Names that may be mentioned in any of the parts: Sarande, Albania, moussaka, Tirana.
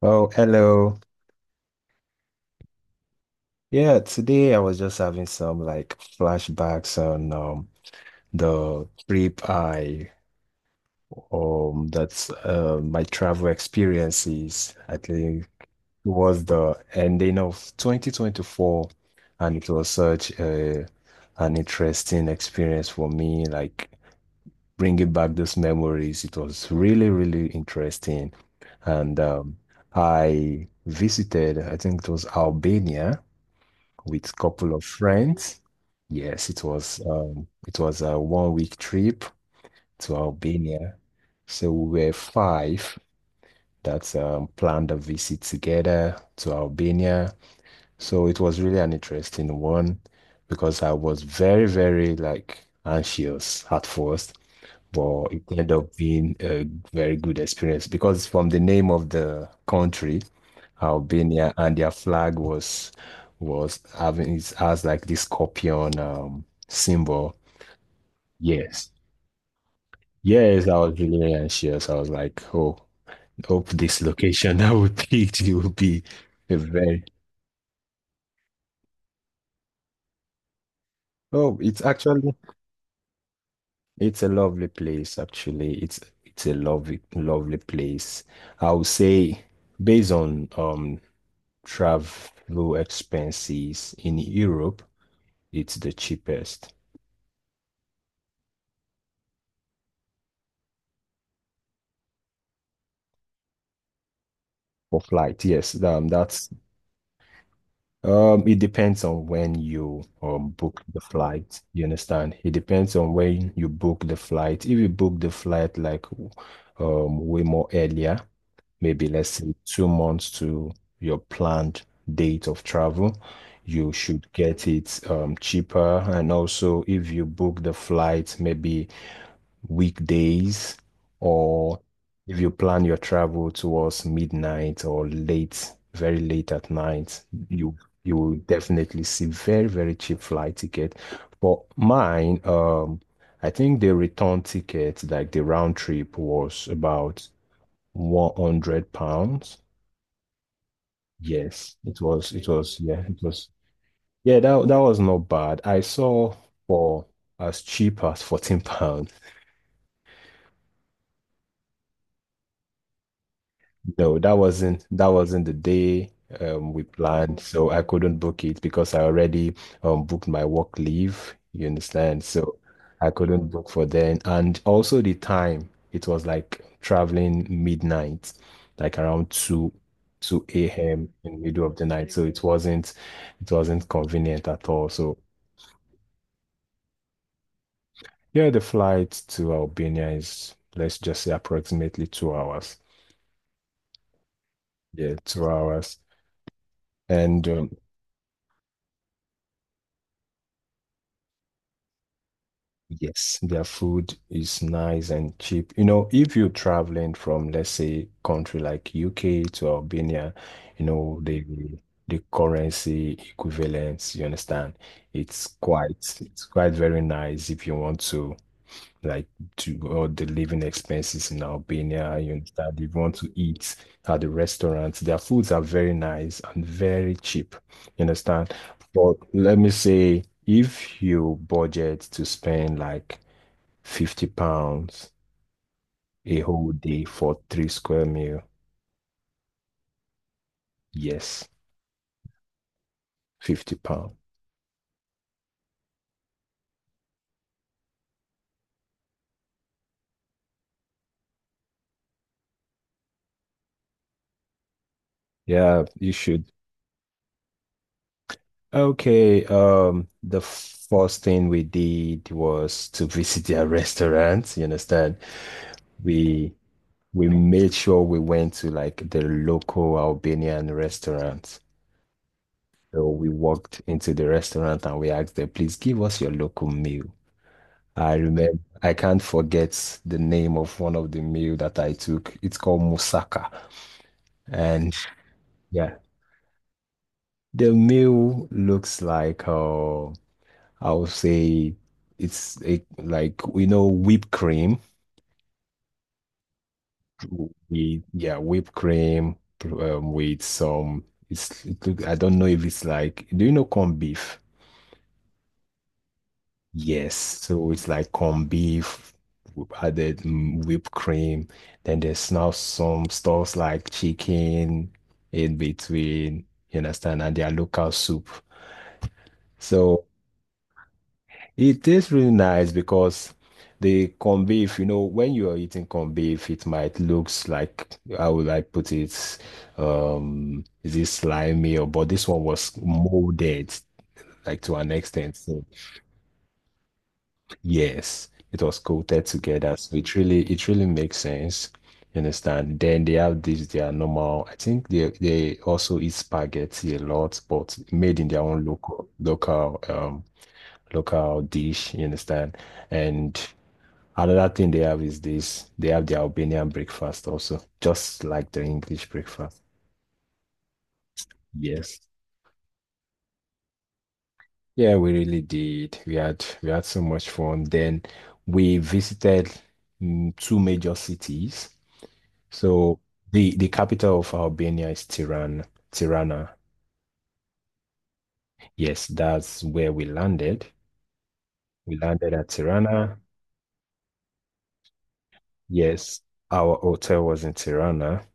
Oh, hello. Yeah, today I was just having some like flashbacks on the trip I that's my travel experiences. I think it was the ending of 2024, and it was such a an interesting experience for me, like bringing back those memories. It was really, really interesting. And I visited, I think it was Albania with a couple of friends. Yes, it was a 1 week trip to Albania. So we were five that planned a visit together to Albania. So it was really an interesting one because I was very, very like anxious at first, but it ended up being a very good experience because from the name of the country, Albania, and their flag was having it has like this scorpion symbol. Yes. Yes, I was really anxious. I was like, oh, hope this location that we picked it will be a very oh, it's actually it's a lovely place, actually. It's a lovely place. I would say based on travel expenses in Europe, it's the cheapest for flight. Yes, that's it depends on when you book the flight. You understand? It depends on when you book the flight. If you book the flight like way more earlier, maybe let's say 2 months to your planned date of travel, you should get it cheaper. And also, if you book the flight maybe weekdays, or if you plan your travel towards midnight or late, very late at night, you you will definitely see very, very cheap flight ticket. For mine, I think the return ticket, like the round trip, was about 100 pounds. Yes, it was, yeah, that, that was not bad. I saw for as cheap as 14 pounds. No, that wasn't the day we planned, so I couldn't book it because I already booked my work leave. You understand? So I couldn't book for then, and also the time it was like traveling midnight, like around two a.m. in the middle of the night. So it wasn't convenient at all. So yeah, the flight to Albania is let's just say approximately 2 hours. Yeah, 2 hours. And yes, their food is nice and cheap. You know, if you're traveling from, let's say, country like UK to Albania, you know, the currency equivalence, you understand, it's quite very nice if you want to like to all the living expenses in Albania. You understand? If you want to eat at the restaurants, their foods are very nice and very cheap. You understand? But let me say, if you budget to spend like 50 pounds a whole day for three square meal, yes, 50 pounds. Yeah, you should. Okay, the first thing we did was to visit their restaurant, you understand? We we made sure we went to like the local Albanian restaurant. So we walked into the restaurant and we asked them, please give us your local meal. I remember, I can't forget the name of one of the meal that I took. It's called moussaka. And yeah, the meal looks like, I would say it's a, like, you know, whipped cream. Whipped cream with some. It look, I don't know if it's like. Do you know corned beef? Yes, so it's like corned beef added whipped cream. Then there's now some stuffs like chicken in between. You understand? And their local soup. So it tastes really nice because the corned beef, you know, when you are eating corned beef, it might looks like, how would I put it? Is it slimy or but this one was molded like to an extent. So yes, it was coated together. So it really makes sense. You understand? Then they have this their normal. I think they also eat spaghetti a lot, but made in their own local dish. You understand? And another thing they have is this, they have the Albanian breakfast also, just like the English breakfast. Yes. Yeah, we really did. We had so much fun. Then we visited two major cities. So the capital of Albania is Tirana. Tirana. Yes, that's where we landed. We landed at Tirana. Yes, our hotel was in Tirana,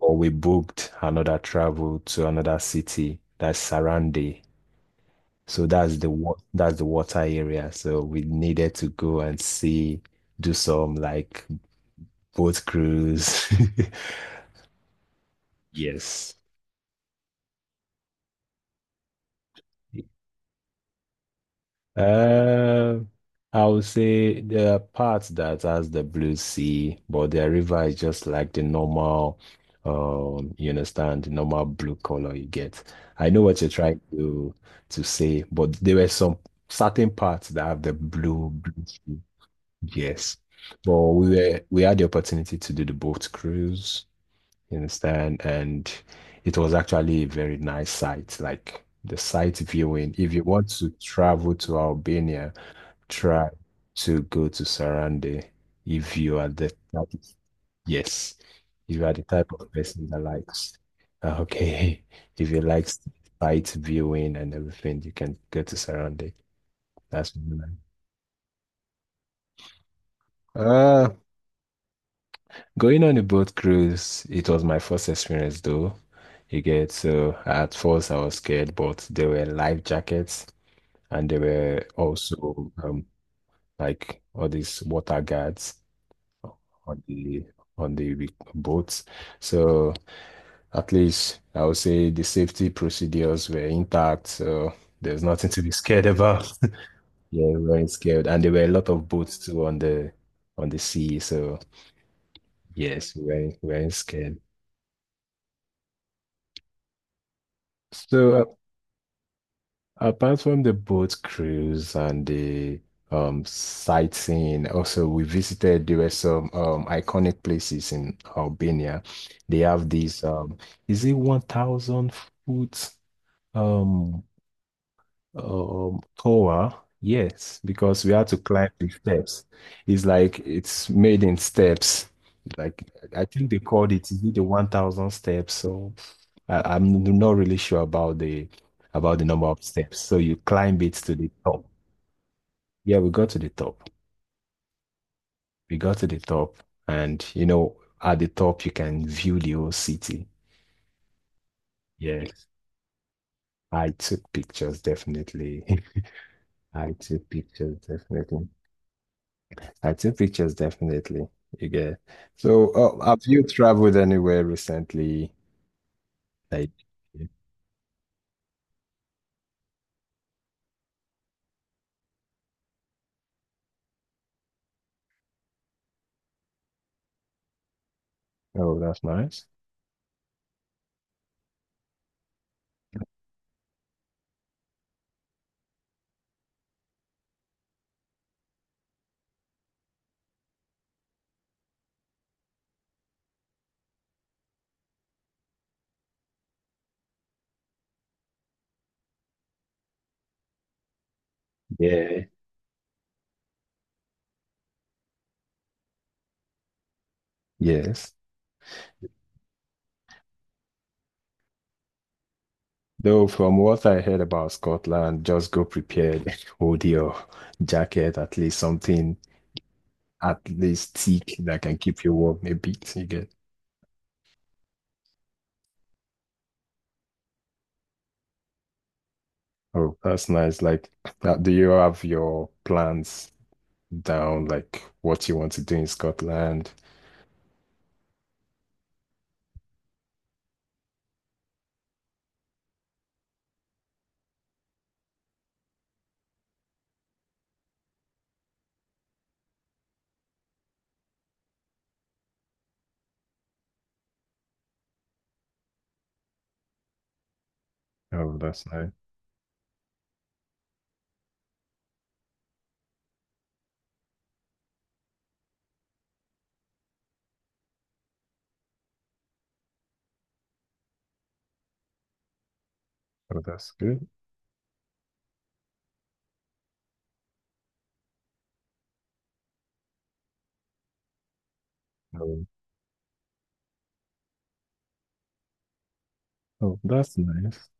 but we booked another travel to another city, that's Sarandi. So that's that's the water area. So we needed to go and see, do some like boat cruise. Yes. Uh, I would say there are parts that has the blue sea, but the river is just like the normal, you understand, the normal blue color you get. I know what you're trying to say, but there were some certain parts that have the blue sea. Yes. But we had the opportunity to do the boat cruise, you understand? And it was actually a very nice sight. Like the sight viewing. If you want to travel to Albania, try to go to Sarande if you are the type of- yes. If you are the type of person that likes okay, if you like sight viewing and everything, you can go to Sarande. That's what I like. Going on a boat cruise, it was my first experience though. You get, so at first I was scared, but there were life jackets and there were also like all these water guards on the boats. So at least I would say the safety procedures were intact, so there's nothing to be scared about. Yeah, we weren't scared, and there were a lot of boats too on the sea. So yes, we weren't scared. So apart from the boat cruise and the sightseeing, also we visited, there were some iconic places in Albania. They have this is it 1,000 foot um, Tower, yes, because we had to climb the steps. It's like it's made in steps. Like I think they called it, is it the 1,000 steps? So I'm not really sure about the number of steps. So you climb it to the top. Yeah, we got to the top. We got to the top, and you know, at the top you can view the whole city. Yes, I took pictures definitely. I took pictures definitely. I take pictures definitely. You get. So, have you traveled anywhere recently? Like, oh, that's nice. Yeah. Yes. Though from what I heard about Scotland, just go prepared, hold your jacket, at least something at least thick that can keep you warm a bit. You get. Oh, that's nice. Like, do you have your plans down, like what you want to do in Scotland? Oh, that's nice. Oh, that's good. Oh, oh, that's nice.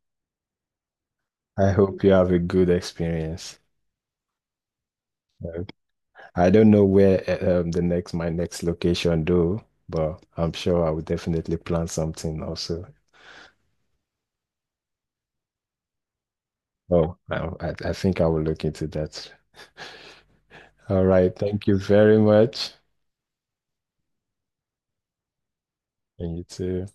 I hope you have a good experience. Like, I don't know where the next my next location though, but I'm sure I will definitely plan something also. Oh, I, I think I will look into that. All right. Thank you very much. And you too.